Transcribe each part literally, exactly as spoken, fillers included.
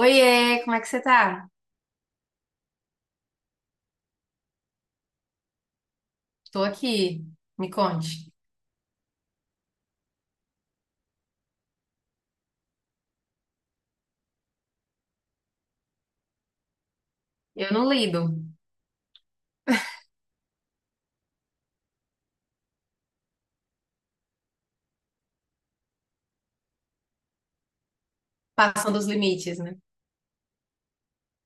Oiê, como é que você tá? Tô aqui, me conte. Eu não lido, passando os limites, né?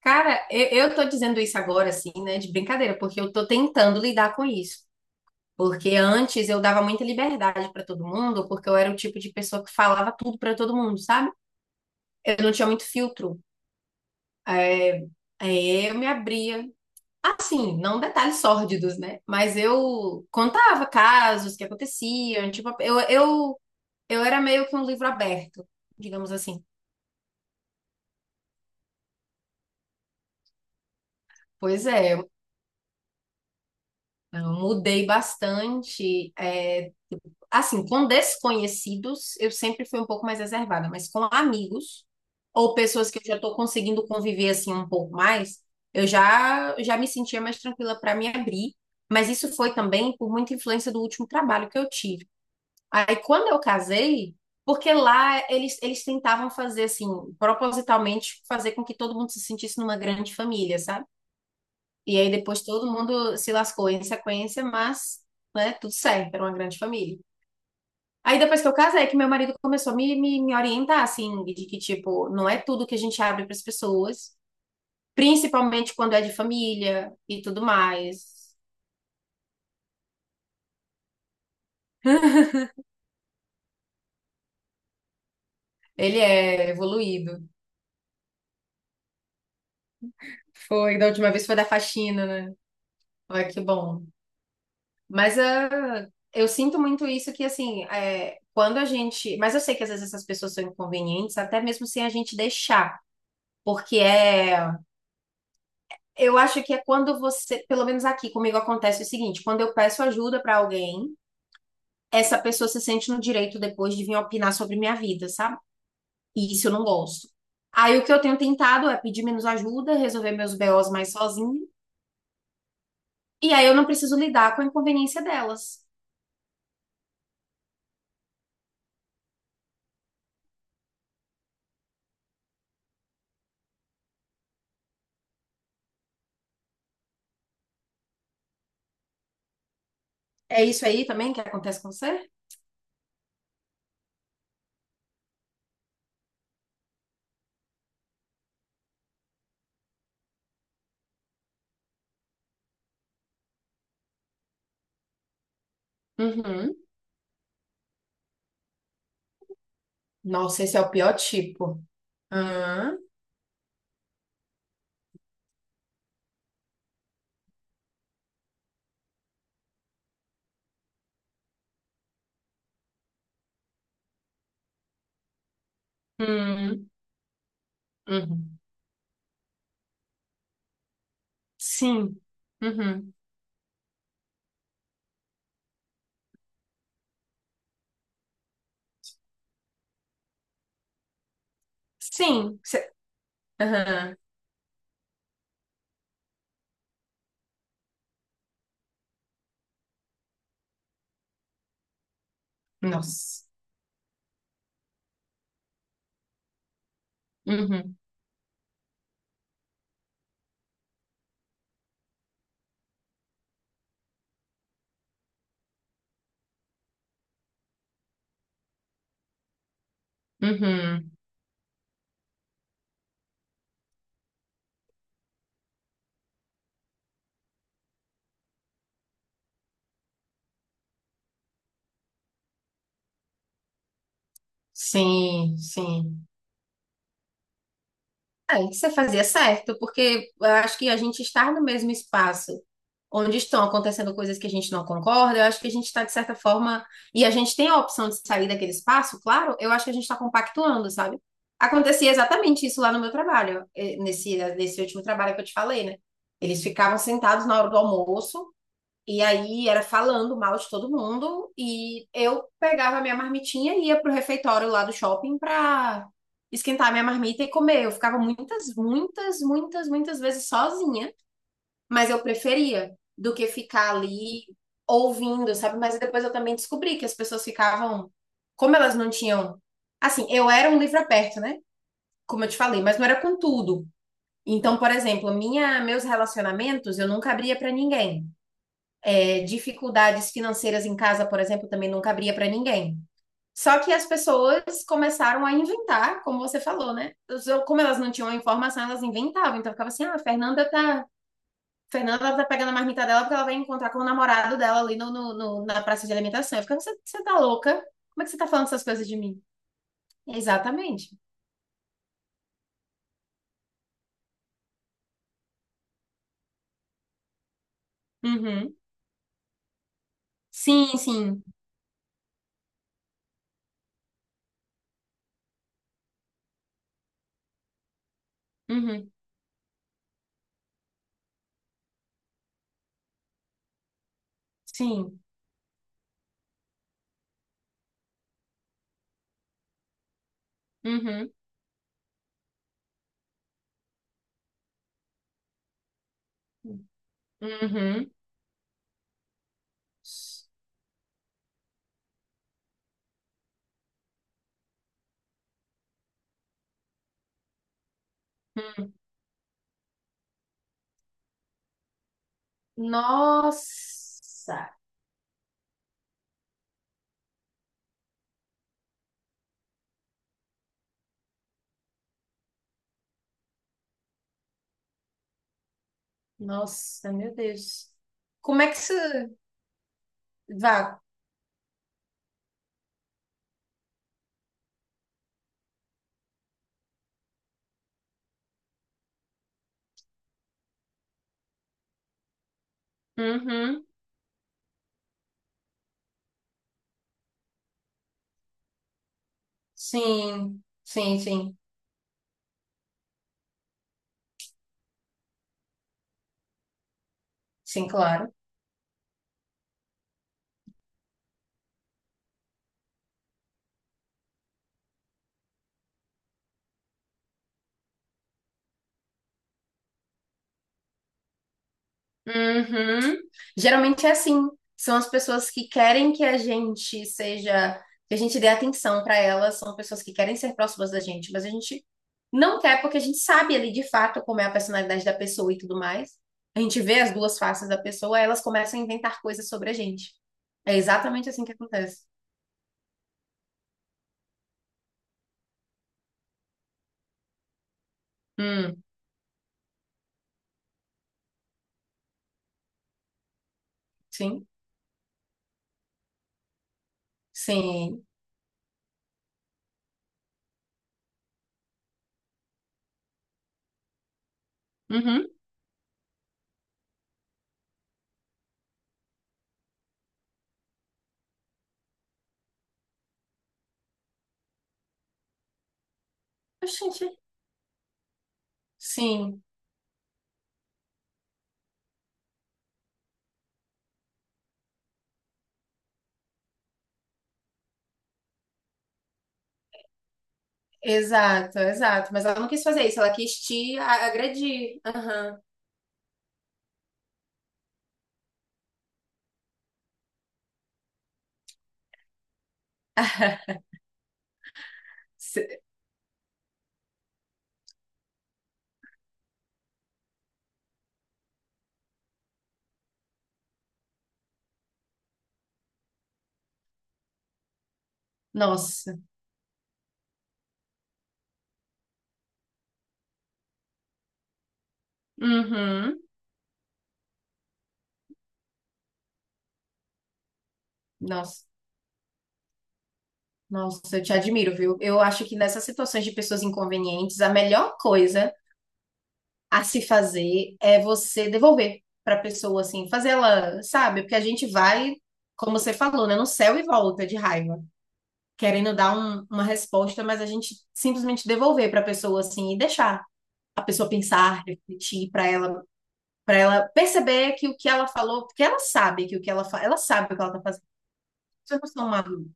Cara, eu, eu tô dizendo isso agora, assim, né, de brincadeira, porque eu tô tentando lidar com isso. Porque antes eu dava muita liberdade pra todo mundo, porque eu era o tipo de pessoa que falava tudo pra todo mundo, sabe? Eu não tinha muito filtro. É, é, eu me abria. Assim, não detalhes sórdidos, né? Mas eu contava casos que aconteciam, tipo, eu, eu eu era meio que um livro aberto, digamos assim. Pois é, eu mudei bastante. É, assim, com desconhecidos, eu sempre fui um pouco mais reservada, mas com amigos ou pessoas que eu já estou conseguindo conviver assim um pouco mais, eu já já me sentia mais tranquila para me abrir. Mas isso foi também por muita influência do último trabalho que eu tive. Aí quando eu casei, porque lá eles, eles tentavam fazer assim, propositalmente fazer com que todo mundo se sentisse numa grande família, sabe? E aí depois todo mundo se lascou em sequência, mas, né, tudo certo, era uma grande família. Aí depois que eu casei, que meu marido começou a me, me, me orientar, assim, de que, tipo, não é tudo que a gente abre para as pessoas, principalmente quando é de família e tudo mais. Ele é evoluído. Foi, da última vez foi da faxina, né? Olha que bom. Mas ah, eu sinto muito isso que, assim, é, quando a gente... Mas eu sei que às vezes essas pessoas são inconvenientes, até mesmo sem a gente deixar, porque é eu acho que é quando você, pelo menos aqui comigo acontece o seguinte, quando eu peço ajuda pra alguém, essa pessoa se sente no direito depois de vir opinar sobre minha vida, sabe? E isso eu não gosto. Aí o que eu tenho tentado é pedir menos ajuda, resolver meus B Os mais sozinho e aí eu não preciso lidar com a inconveniência delas. É isso aí também que acontece com você? Uhum. Nossa, esse é o pior tipo. Aham. Uhum. Uhum. Sim. Uhum. Sim. Cê- Aham. Nossa. Uhum. Uhum. Sim, sim. É, você fazia é certo, porque eu acho que a gente estar no mesmo espaço onde estão acontecendo coisas que a gente não concorda, eu acho que a gente está, de certa forma, e a gente tem a opção de sair daquele espaço, claro, eu acho que a gente está compactuando, sabe? Acontecia exatamente isso lá no meu trabalho, eh, nesse, nesse último trabalho que eu te falei, né? Eles ficavam sentados na hora do almoço, e aí era falando mal de todo mundo e eu pegava a minha marmitinha e ia pro refeitório lá do shopping pra esquentar a minha marmita e comer. Eu ficava muitas, muitas, muitas, muitas vezes sozinha, mas eu preferia do que ficar ali ouvindo, sabe? Mas depois eu também descobri que as pessoas ficavam, como elas não tinham, assim, eu era um livro aberto, né? Como eu te falei, mas não era com tudo. Então, por exemplo, minha, meus relacionamentos eu nunca abria pra ninguém é, dificuldades financeiras em casa, por exemplo, também não cabria para ninguém. Só que as pessoas começaram a inventar, como você falou, né? Como elas não tinham a informação, elas inventavam. Então ficava assim: ah, a Fernanda tá. Fernanda ela tá pegando a marmita dela porque ela vai encontrar com o namorado dela ali no, no- no- na praça de alimentação. Eu ficava, você, você tá louca? Como é que você tá falando essas coisas de mim? Exatamente. Uhum. Sim, sim. Uhum. Sim. Uhum. Uhum. Hum. Nossa. Nossa, meu Deus. Como é que você vá. Uhum. Sim, sim, sim. Sim, claro. Uhum. Geralmente é assim. São as pessoas que querem que a gente seja, que a gente dê atenção para elas, são pessoas que querem ser próximas da gente, mas a gente não quer porque a gente sabe ali de fato como é a personalidade da pessoa e tudo mais. A gente vê as duas faces da pessoa, aí elas começam a inventar coisas sobre a gente. É exatamente assim que acontece. Hum, sim, sim. Uhum. Oxente. Sim, exato, exato. Mas ela não quis fazer isso, ela quis te a- agredir. Aham. Se- Nossa. Uhum. Nossa. Nossa, eu te admiro, viu? Eu acho que nessas situações de pessoas inconvenientes, a melhor coisa a se fazer é você devolver para a pessoa, assim, fazer ela, sabe? Porque a gente vai, como você falou, né, no céu e volta de raiva, querendo dar um- uma resposta, mas a gente simplesmente devolver para a pessoa, assim, e deixar. A pessoa pensar, refletir, para ela, para ela perceber que o que ela falou, porque ela sabe que o que ela fala, ela sabe o que ela tá fazendo. As pessoas não são malucas.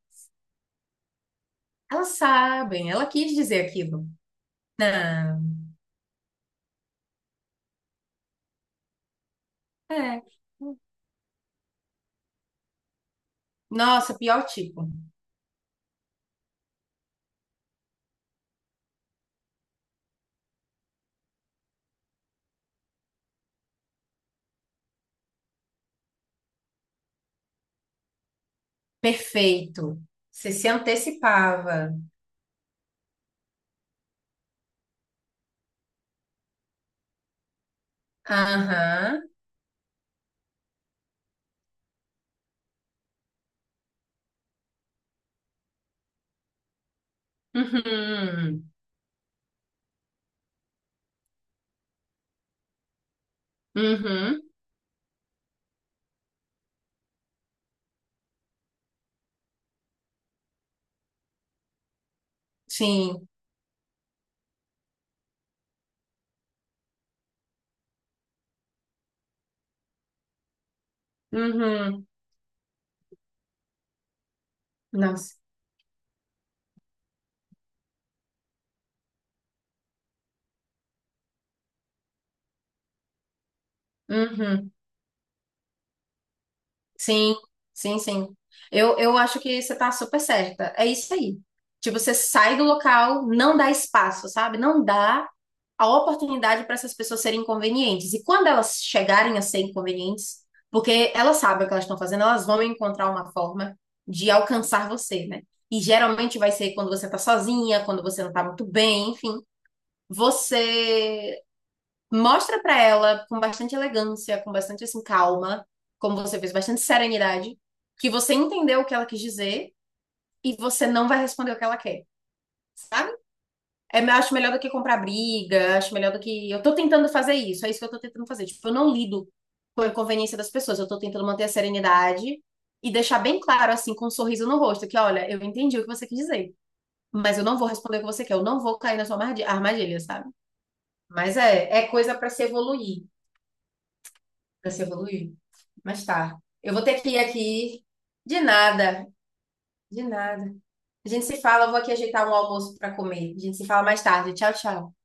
Elas sabem, ela quis dizer aquilo. Não. É. Nossa, pior tipo. Perfeito. Você se antecipava. Aham. Uhum. Uhum. Sim. Uhum. Nossa. Uhum. Sim, sim, sim. Eu, eu acho que você tá super certa. É isso aí. Tipo, você sai do local, não dá espaço, sabe? Não dá a oportunidade para essas pessoas serem inconvenientes. E quando elas chegarem a ser inconvenientes, porque elas sabem o que elas estão fazendo, elas vão encontrar uma forma de alcançar você, né? E geralmente vai ser quando você tá sozinha, quando você não tá muito bem, enfim. Você mostra pra ela com bastante elegância, com bastante assim calma, como você fez, bastante serenidade, que você entendeu o que ela quis dizer e você não vai responder o que ela quer, sabe? É, eu acho melhor do que comprar briga, acho melhor do que eu tô tentando fazer isso, é isso que eu tô tentando fazer. Tipo, eu não lido com a inconveniência das pessoas, eu tô tentando manter a serenidade e deixar bem claro assim com um sorriso no rosto que olha, eu entendi o que você quis dizer, mas eu não vou responder o que você quer, eu não vou cair na sua armadilha, armadilha, sabe? Mas é, é coisa pra se evoluir, pra se evoluir. Mas tá. Eu vou ter que ir aqui. De nada, de nada. A gente se fala, eu vou aqui ajeitar um almoço para comer. A gente se fala mais tarde. Tchau, tchau.